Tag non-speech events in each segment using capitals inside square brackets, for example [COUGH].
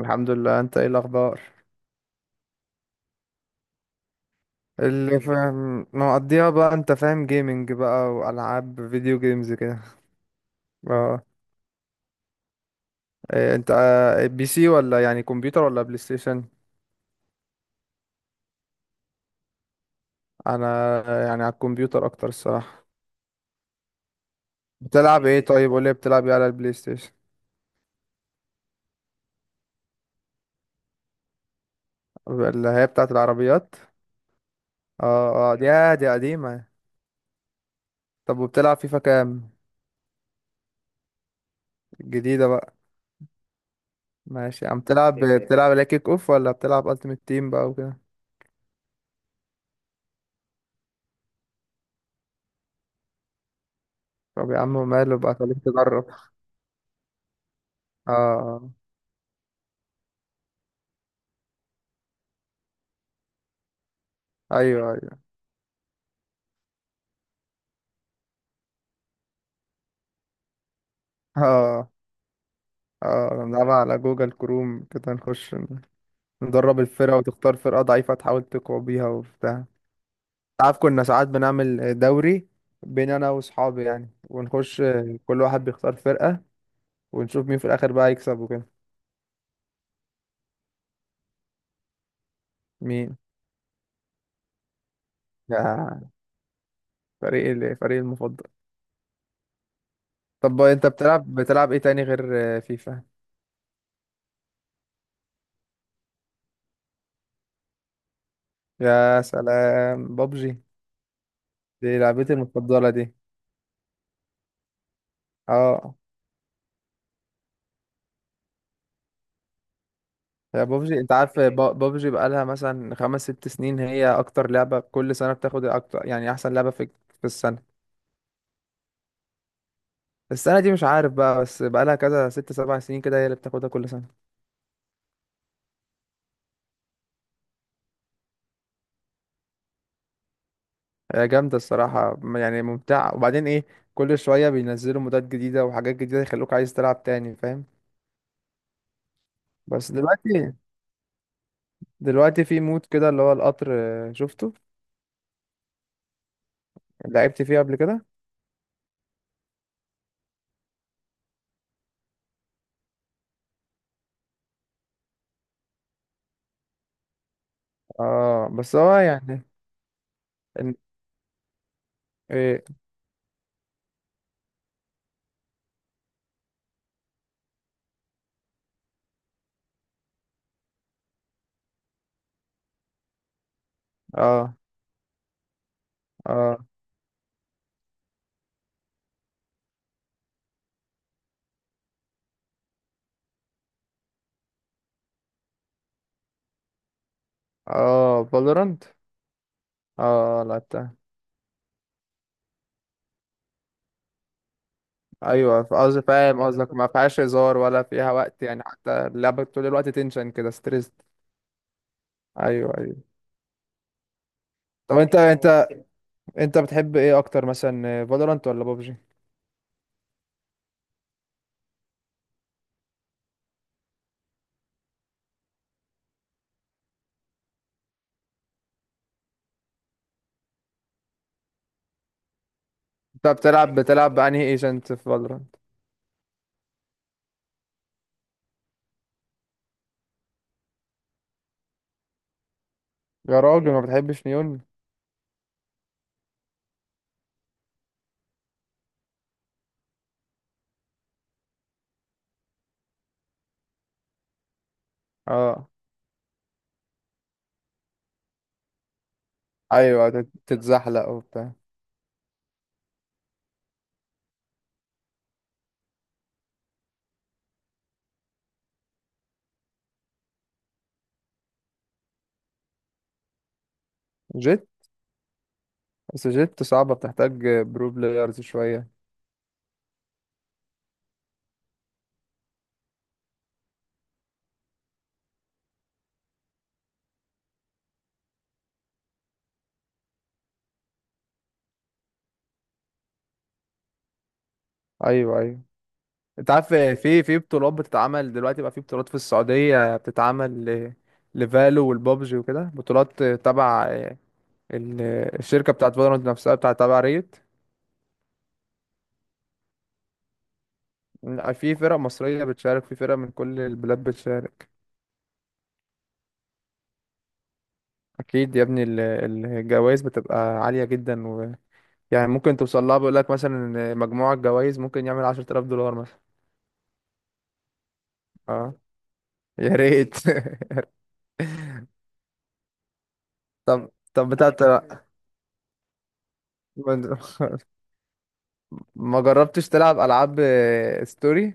الحمد لله، انت ايه الاخبار؟ اللي فاهم مقضيها بقى، انت فاهم جيمنج بقى والعاب فيديو جيمز كده. اه. إيه انت بي سي ولا يعني كمبيوتر ولا بلاي ستيشن؟ انا. يعني على الكمبيوتر اكتر الصراحه. بتلعب ايه؟ طيب قول لي، بتلعب ايه على البلاي ستيشن؟ اللي هي بتاعه العربيات. اه، اه، دي قديمه. طب وبتلعب فيفا كام؟ الجديده بقى؟ ماشي، عم تلعب بتلعب لا كيك اوف ولا بتلعب التيمت تيم بقى وكده؟ طب يا عم، ماله بقى، خليك تجرب. اه. آه. ايوه، ايوه. اه، اه، نلعبها على جوجل كروم كده، نخش ندرب الفرقة، وتختار فرقة ضعيفة تحاول تقوى بيها وبتاع. تعرف، كنا ساعات بنعمل دوري بين انا واصحابي يعني، ونخش. كل واحد بيختار فرقة، ونشوف مين في الاخر بقى يكسب وكده. مين؟ يا، الفريق المفضل. طب، انت بتلعب ايه تاني غير فيفا؟ يا سلام، بابجي. دي لعبتي المفضلة دي. اه. يا بابجي، انت عارف، بابجي بقالها مثلا 5 6 سنين، هي اكتر لعبة كل سنة بتاخد اكتر، يعني احسن لعبة في السنة. السنة دي مش عارف بقى، بس بقالها كذا 6 7 سنين كده هي اللي بتاخدها كل سنة. هي جامدة الصراحة، يعني ممتعة، وبعدين ايه، كل شوية بينزلوا مودات جديدة وحاجات جديدة يخلوك عايز تلعب تاني، فاهم؟ بس دلوقتي، في مود كده اللي هو القطر. شفته. لعبت فيه قبل كده. اه، بس هو يعني. إن- ايه. اه، اه. اه، فالورانت. اه، لعبتها. ايوه، قصدي فاهم قصدك، ما فيهاش هزار ولا فيها وقت، يعني حتى اللعبه طول الوقت تنشن كده، ستريس. ايوه، ايوه. طب، انت بتحب ايه اكتر، مثلا فالورانت ولا بابجي؟ انت بتلعب بانهي ايجنت في فالورانت؟ يا راجل، ما بتحبش نيون؟ اه، ايوه، تتزحلق وبتاع. جيت. بس جيت صعبه، بتحتاج برو بلايرز شويه. ايوه، ايوه. انت عارف، في بطولات بتتعمل دلوقتي بقى، في بطولات في السعوديه بتتعمل لفالو، والبابجي وكده، بطولات تبع ال- الشركة بتاعت فالورانت نفسها، بتاعت تبع ريت. إن في فرق مصرية بتشارك، في فرق من كل البلاد بتشارك. أكيد يا ابني. الجوائز بتبقى عالية جدا يعني ممكن توصل لها، بيقول لك مثلا إن مجموع الجوائز ممكن يعمل 10,000 دولار مثلا. اه، يا ريت. [LAUGHS] طب بتاعت. ما ما جربتش تلعب ألعاب ستوري.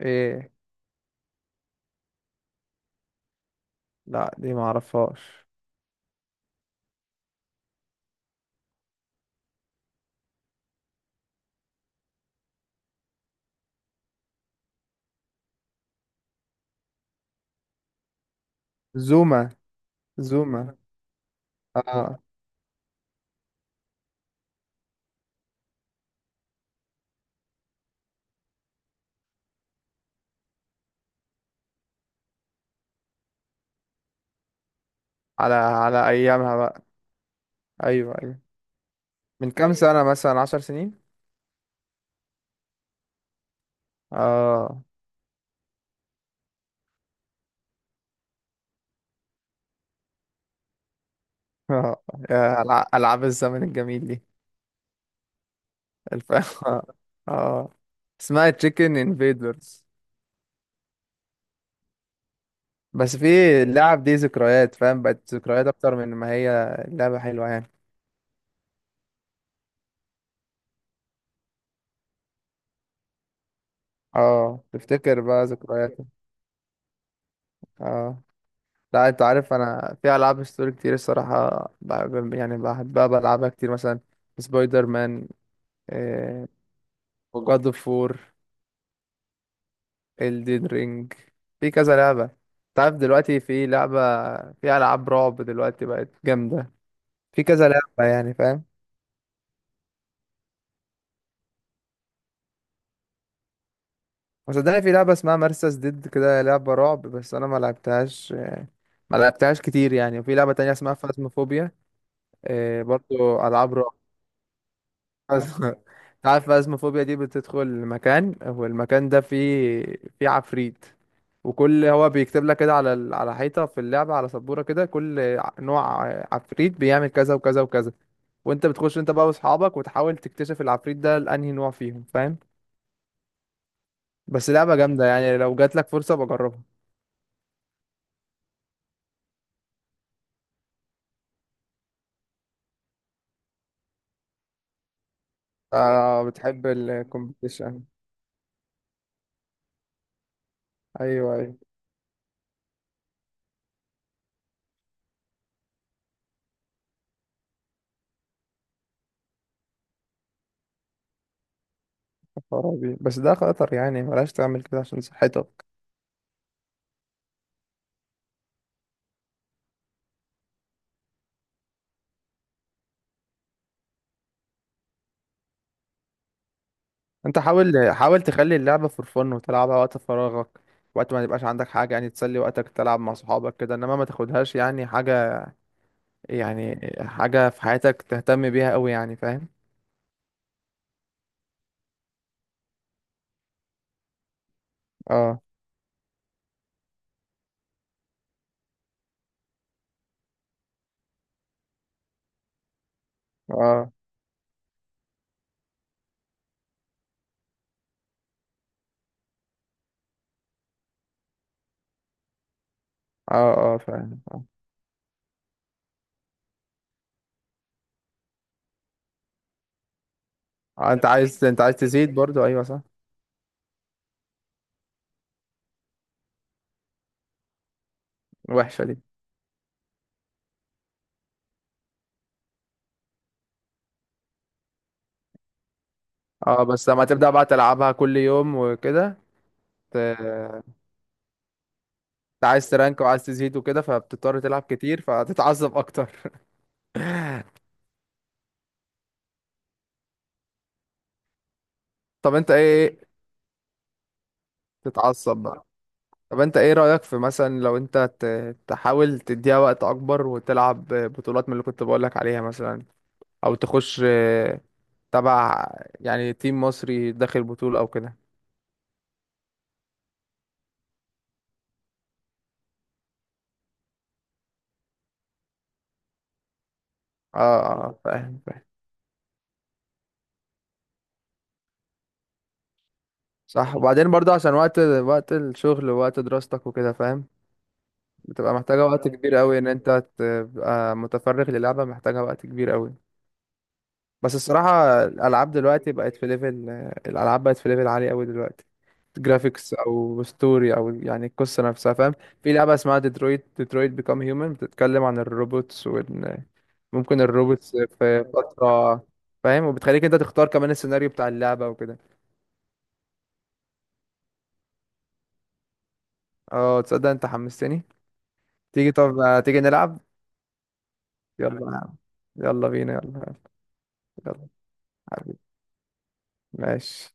إيه؟ لا، دي ما اعرفهاش. زوما. زوما. اه. على ايامها بقى. ايوه، ايوه. من كام سنة، مثلا 10 سنين؟ اه. [LAUGHS] آه. يا، ألعاب الزمن الجميل دي. الف... [LAUGHS] اه. اسمها تشيكن انفيدرز. بس في، اللعب دي ذكريات، فاهم؟ بقت ذكريات أكتر من ما هي لعبة حلوة يعني. اه، تفتكر بقى ذكرياتك. اه. لا، انت عارف، انا في العاب ستوري كتير الصراحه بحب، يعني بحبها بلعبها كتير، مثلا سبايدر مان، جاد اوف وور، الدين رينج. في كذا لعبة. تعرف دلوقتي في لعبة، في ألعاب رعب دلوقتي بقت جامدة. في كذا لعبة يعني، فاهم. وصدقني، في لعبة اسمها مرسس ديد كده، لعبة رعب، بس أنا ما لعبتهاش، كتير يعني. وفي لعبة تانية اسمها فازموفوبيا. برضو ألعاب رعب. فاز- [LAUGHS] تعرف فازموفوبيا دي، بتدخل مكان، والمكان ده فيه عفريت. وكل، هو بيكتب لك كده على على حيطة في اللعبة، على سبورة كده، كل نوع عفريت بيعمل كذا وكذا وكذا. وانت بتخش، انت بقى واصحابك، وتحاول تكتشف العفريت ده لانهي نوع فيهم، فاهم. بس لعبة جامدة يعني، لو جات لك فرصة بجربها. آه بتحب الكومبيتيشن. ايوه، ايوه. يا خرابي، بس ده خطر يعني، بلاش تعمل كده عشان صحتك. انت حاول حاول تخلي اللعبة فور فن وتلعبها وقت فراغك، وقت ما يبقاش عندك حاجة يعني، تسلي وقتك تلعب مع صحابك كده، انما ما تاخدهاش يعني حاجة، يعني حاجة في حياتك تهتم بيها قوي، يعني فاهم. اه، اه، اه، اه، فعلا. انت عايز تزيد برضو، ايوه صح. الوحشة دي. اه، بس لما تبدأ بقى تلعبها كل يوم وكده. انت عايز ترانك وعايز تزيد وكده، فبتضطر تلعب كتير فتتعصب اكتر. [LAUGHS] طب انت ايه؟ تتعصب بقى. طب انت ايه رأيك في، مثلا لو انت تحاول تديها وقت اكبر، وتلعب بطولات من اللي كنت بقولك عليها مثلا، او تخش تبع، يعني تيم مصري داخل بطولة او كده. اه، اه، فاهم، فاهم. صح، وبعدين برضو عشان وقت الشغل، ووقت دراستك وكده، فاهم. بتبقى محتاجة وقت كبير قوي ان انت تبقى متفرغ للعبة، محتاجة وقت كبير قوي. بس الصراحة، الالعاب دلوقتي بقت في ليفل، الالعاب بقت في ليفل عالي قوي دلوقتي. جرافيكس او ستوري او يعني القصة نفسها، فاهم. في لعبة اسمها ديترويت بيكام هيومن، بتتكلم عن الروبوتس. ممكن الروبوتس في فترة، فاهم؟ وبتخليك انت تختار كمان السيناريو بتاع اللعبة وكده. اه، تصدق انت حمستني. تيجي طب، تيجي نلعب. يلا نلعب. يلا بينا يلا. يلا. حبيبي. ماشي.